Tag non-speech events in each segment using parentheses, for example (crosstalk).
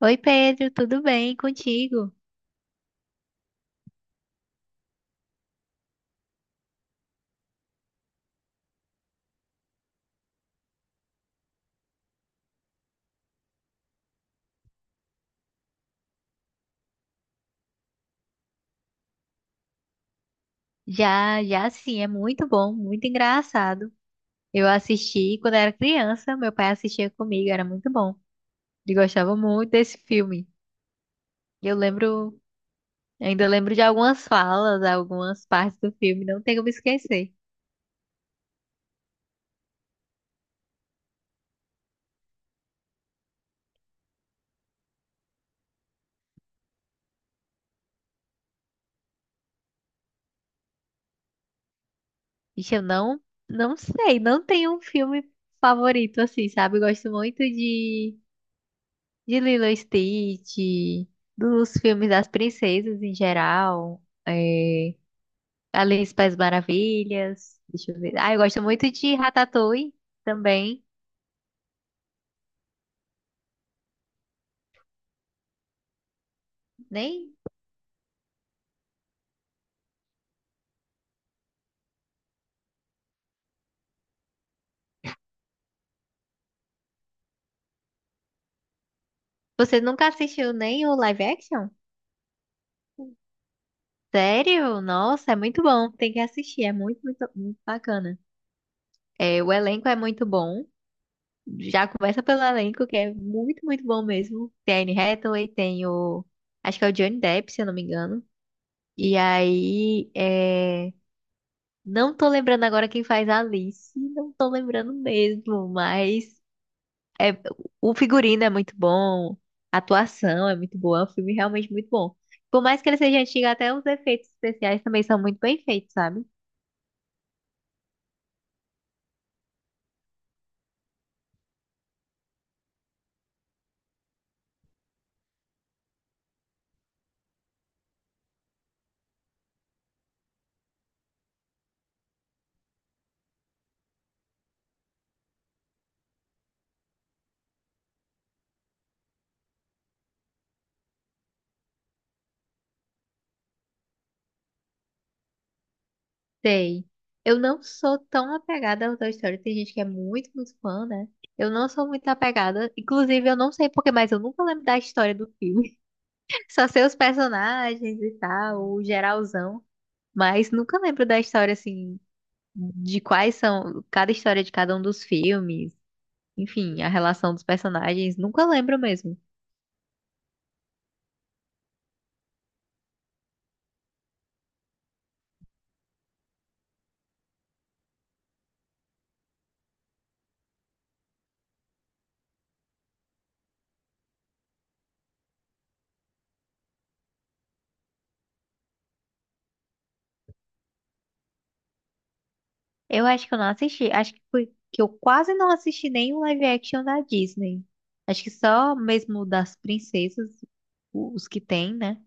Oi Pedro, tudo bem contigo? Já, já sim, é muito bom, muito engraçado. Eu assisti quando era criança, meu pai assistia comigo, era muito bom. Ele gostava muito desse filme. Eu lembro, ainda lembro de algumas falas, algumas partes do filme, não tenho como esquecer. Ixi, eu não, não sei, não tenho um filme favorito assim, sabe? Eu gosto muito de Lilo e Stitch, dos filmes das princesas em geral. é, Alice País Maravilhas. Deixa eu ver. Ah, eu gosto muito de Ratatouille também. Nem. Você nunca assistiu nem o live action? Sério? Nossa, é muito bom. Tem que assistir. É muito, muito, muito bacana. É, o elenco é muito bom. Já começa pelo elenco, que é muito, muito bom mesmo. Tem a Anne Hathaway, tem o. Acho que é o Johnny Depp, se eu não me engano. E aí. Não tô lembrando agora quem faz a Alice. Não tô lembrando mesmo, mas. É, o figurino é muito bom, a atuação é muito boa, é um filme realmente muito bom. Por mais que ele seja antigo, até os efeitos especiais também são muito bem feitos, sabe? Sei. Eu não sou tão apegada ao Toy Story, tem gente que é muito, muito fã, né? Eu não sou muito apegada, inclusive eu não sei porquê, mas eu nunca lembro da história do filme. (laughs) Só sei os personagens e tal, o geralzão, mas nunca lembro da história assim, de quais são cada história de cada um dos filmes. Enfim, a relação dos personagens, nunca lembro mesmo. Eu acho que eu não assisti, acho que foi que eu quase não assisti nenhum live action da Disney. Acho que só mesmo das princesas, os que tem, né?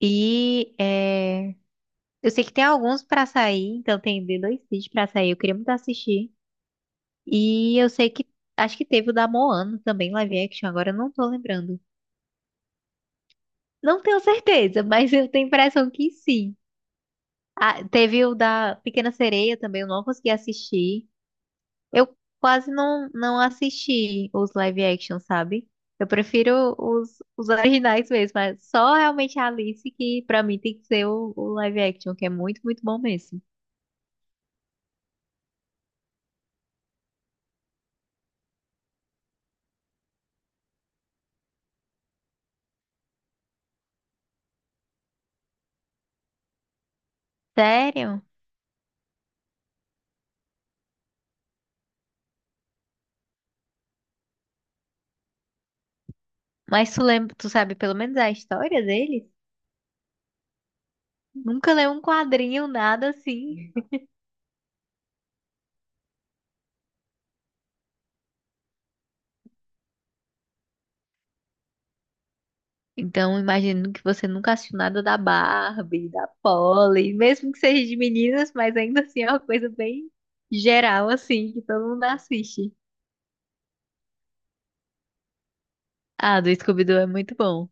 E é, eu sei que tem alguns pra sair, então tem The 2 cid pra sair, eu queria muito assistir. E eu sei que acho que teve o da Moana também, live action, agora eu não tô lembrando. Não tenho certeza, (laughs) mas eu tenho a impressão que sim. Ah, teve o da Pequena Sereia também, eu não consegui assistir. Eu quase não, não assisti os live action, sabe? Eu prefiro os (laughs) originais mesmo, mas só realmente a Alice que pra mim tem que ser o live action, que é muito, muito bom mesmo. Sério? Mas tu lembra, tu sabe pelo menos a história deles? Nunca leu um quadrinho, nada assim. Então, imagino que você nunca assistiu nada da Barbie, da Polly, mesmo que seja de meninas, mas ainda assim é uma coisa bem geral, assim, que todo mundo assiste. Ah, do Scooby-Doo é muito bom.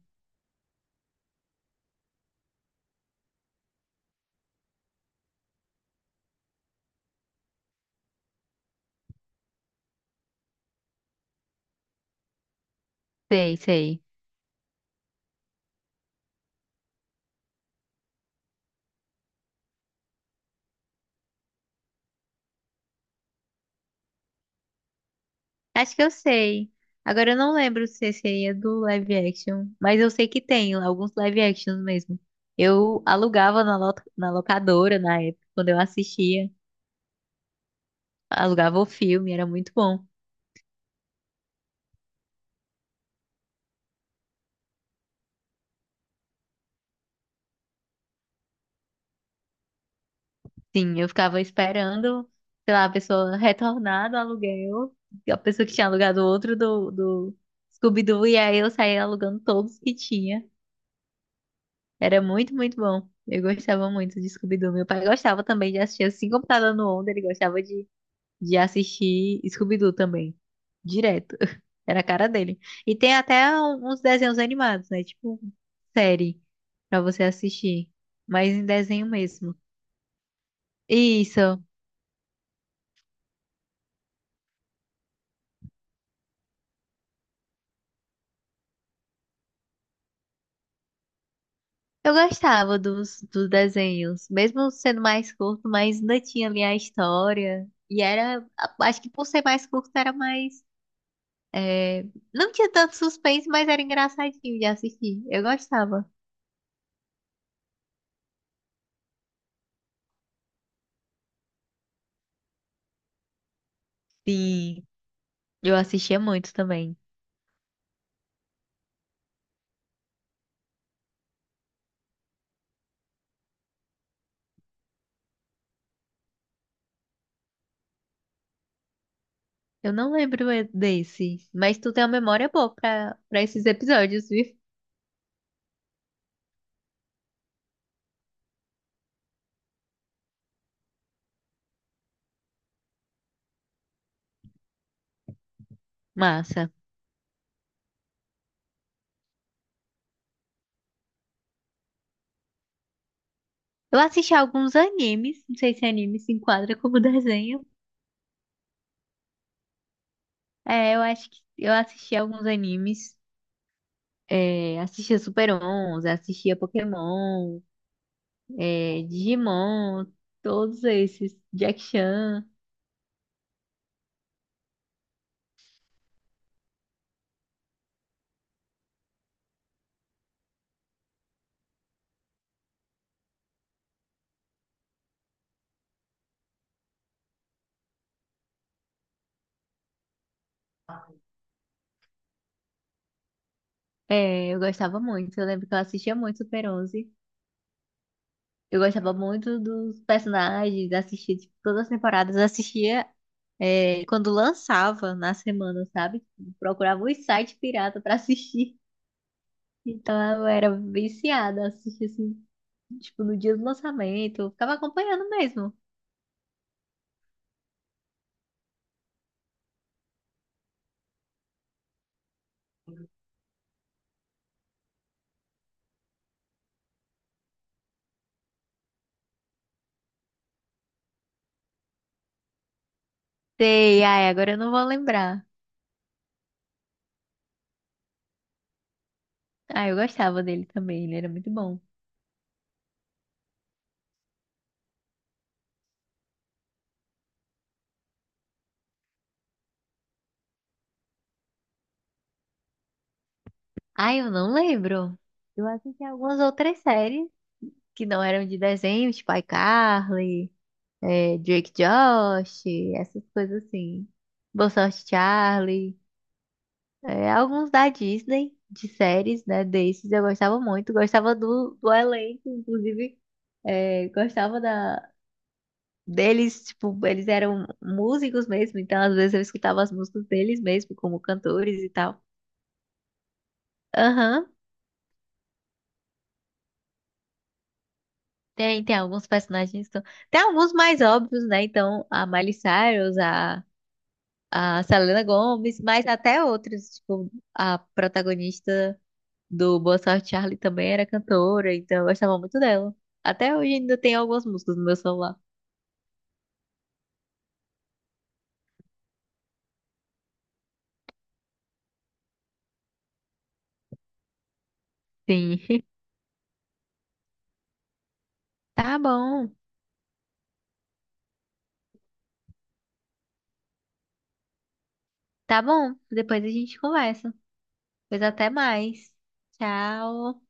Sei, sei. Acho que eu sei. Agora eu não lembro se seria do live action, mas eu sei que tem alguns live actions mesmo. Eu alugava na, na locadora na época, quando eu assistia, alugava o filme, era muito bom. Sim, eu ficava esperando, sei lá, a pessoa retornar do aluguel, a pessoa que tinha alugado outro do Scooby-Doo, e aí eu saía alugando todos que tinha. Era muito, muito bom. Eu gostava muito de Scooby-Doo. Meu pai gostava também de assistir assim, computador no Onda, ele gostava de assistir Scooby-Doo também, direto. (laughs) Era a cara dele. E tem até uns desenhos animados, né? Tipo, série pra você assistir, mas em desenho mesmo. Isso. Eu gostava dos desenhos, mesmo sendo mais curto, mas ainda tinha ali a história. E era, acho que por ser mais curto era mais, é, não tinha tanto suspense, mas era engraçadinho de assistir. Eu gostava. Sim, eu assistia muito também. Eu não lembro desse, mas tu tem uma memória boa pra esses episódios, viu? Massa. Eu assisti alguns animes, não sei se anime se enquadra como (laughs) desenho. É, eu acho que eu assisti alguns animes. É, assistia Super 11, assistia Pokémon, Digimon, todos esses. Jack Chan. É, eu gostava muito. Eu lembro que eu assistia muito Super 11. Eu gostava muito dos personagens, assistia, tipo, todas as temporadas, assistia quando lançava na semana, sabe? Tipo, procurava os sites pirata pra assistir. (laughs) Então eu era viciada, assistia assim, tipo, no dia do lançamento, eu ficava acompanhando mesmo. Sei, ai, agora eu não vou lembrar. Ah, eu gostava dele também, ele era muito bom. Ai, eu não lembro. Eu assisti algumas outras séries que não eram de desenho, tipo iCarly. Drake Josh, essas coisas assim. Boa Sorte Charlie. É, alguns da Disney, de séries, né? Desses eu gostava muito. Gostava do elenco, inclusive. Gostava da, deles, tipo, eles eram músicos mesmo, então às vezes eu escutava as músicas deles mesmo, como cantores e tal. Aham. Tem, tem alguns personagens que são... Tem alguns mais óbvios, né? Então, a Miley Cyrus, a Selena Gomes, mas até outros, tipo, a protagonista do Boa Sorte Charlie também era cantora, então eu gostava muito dela. Até hoje ainda tem algumas músicas no meu celular. Sim. (laughs) Tá bom, tá bom. Depois a gente conversa. Pois até mais. Tchau.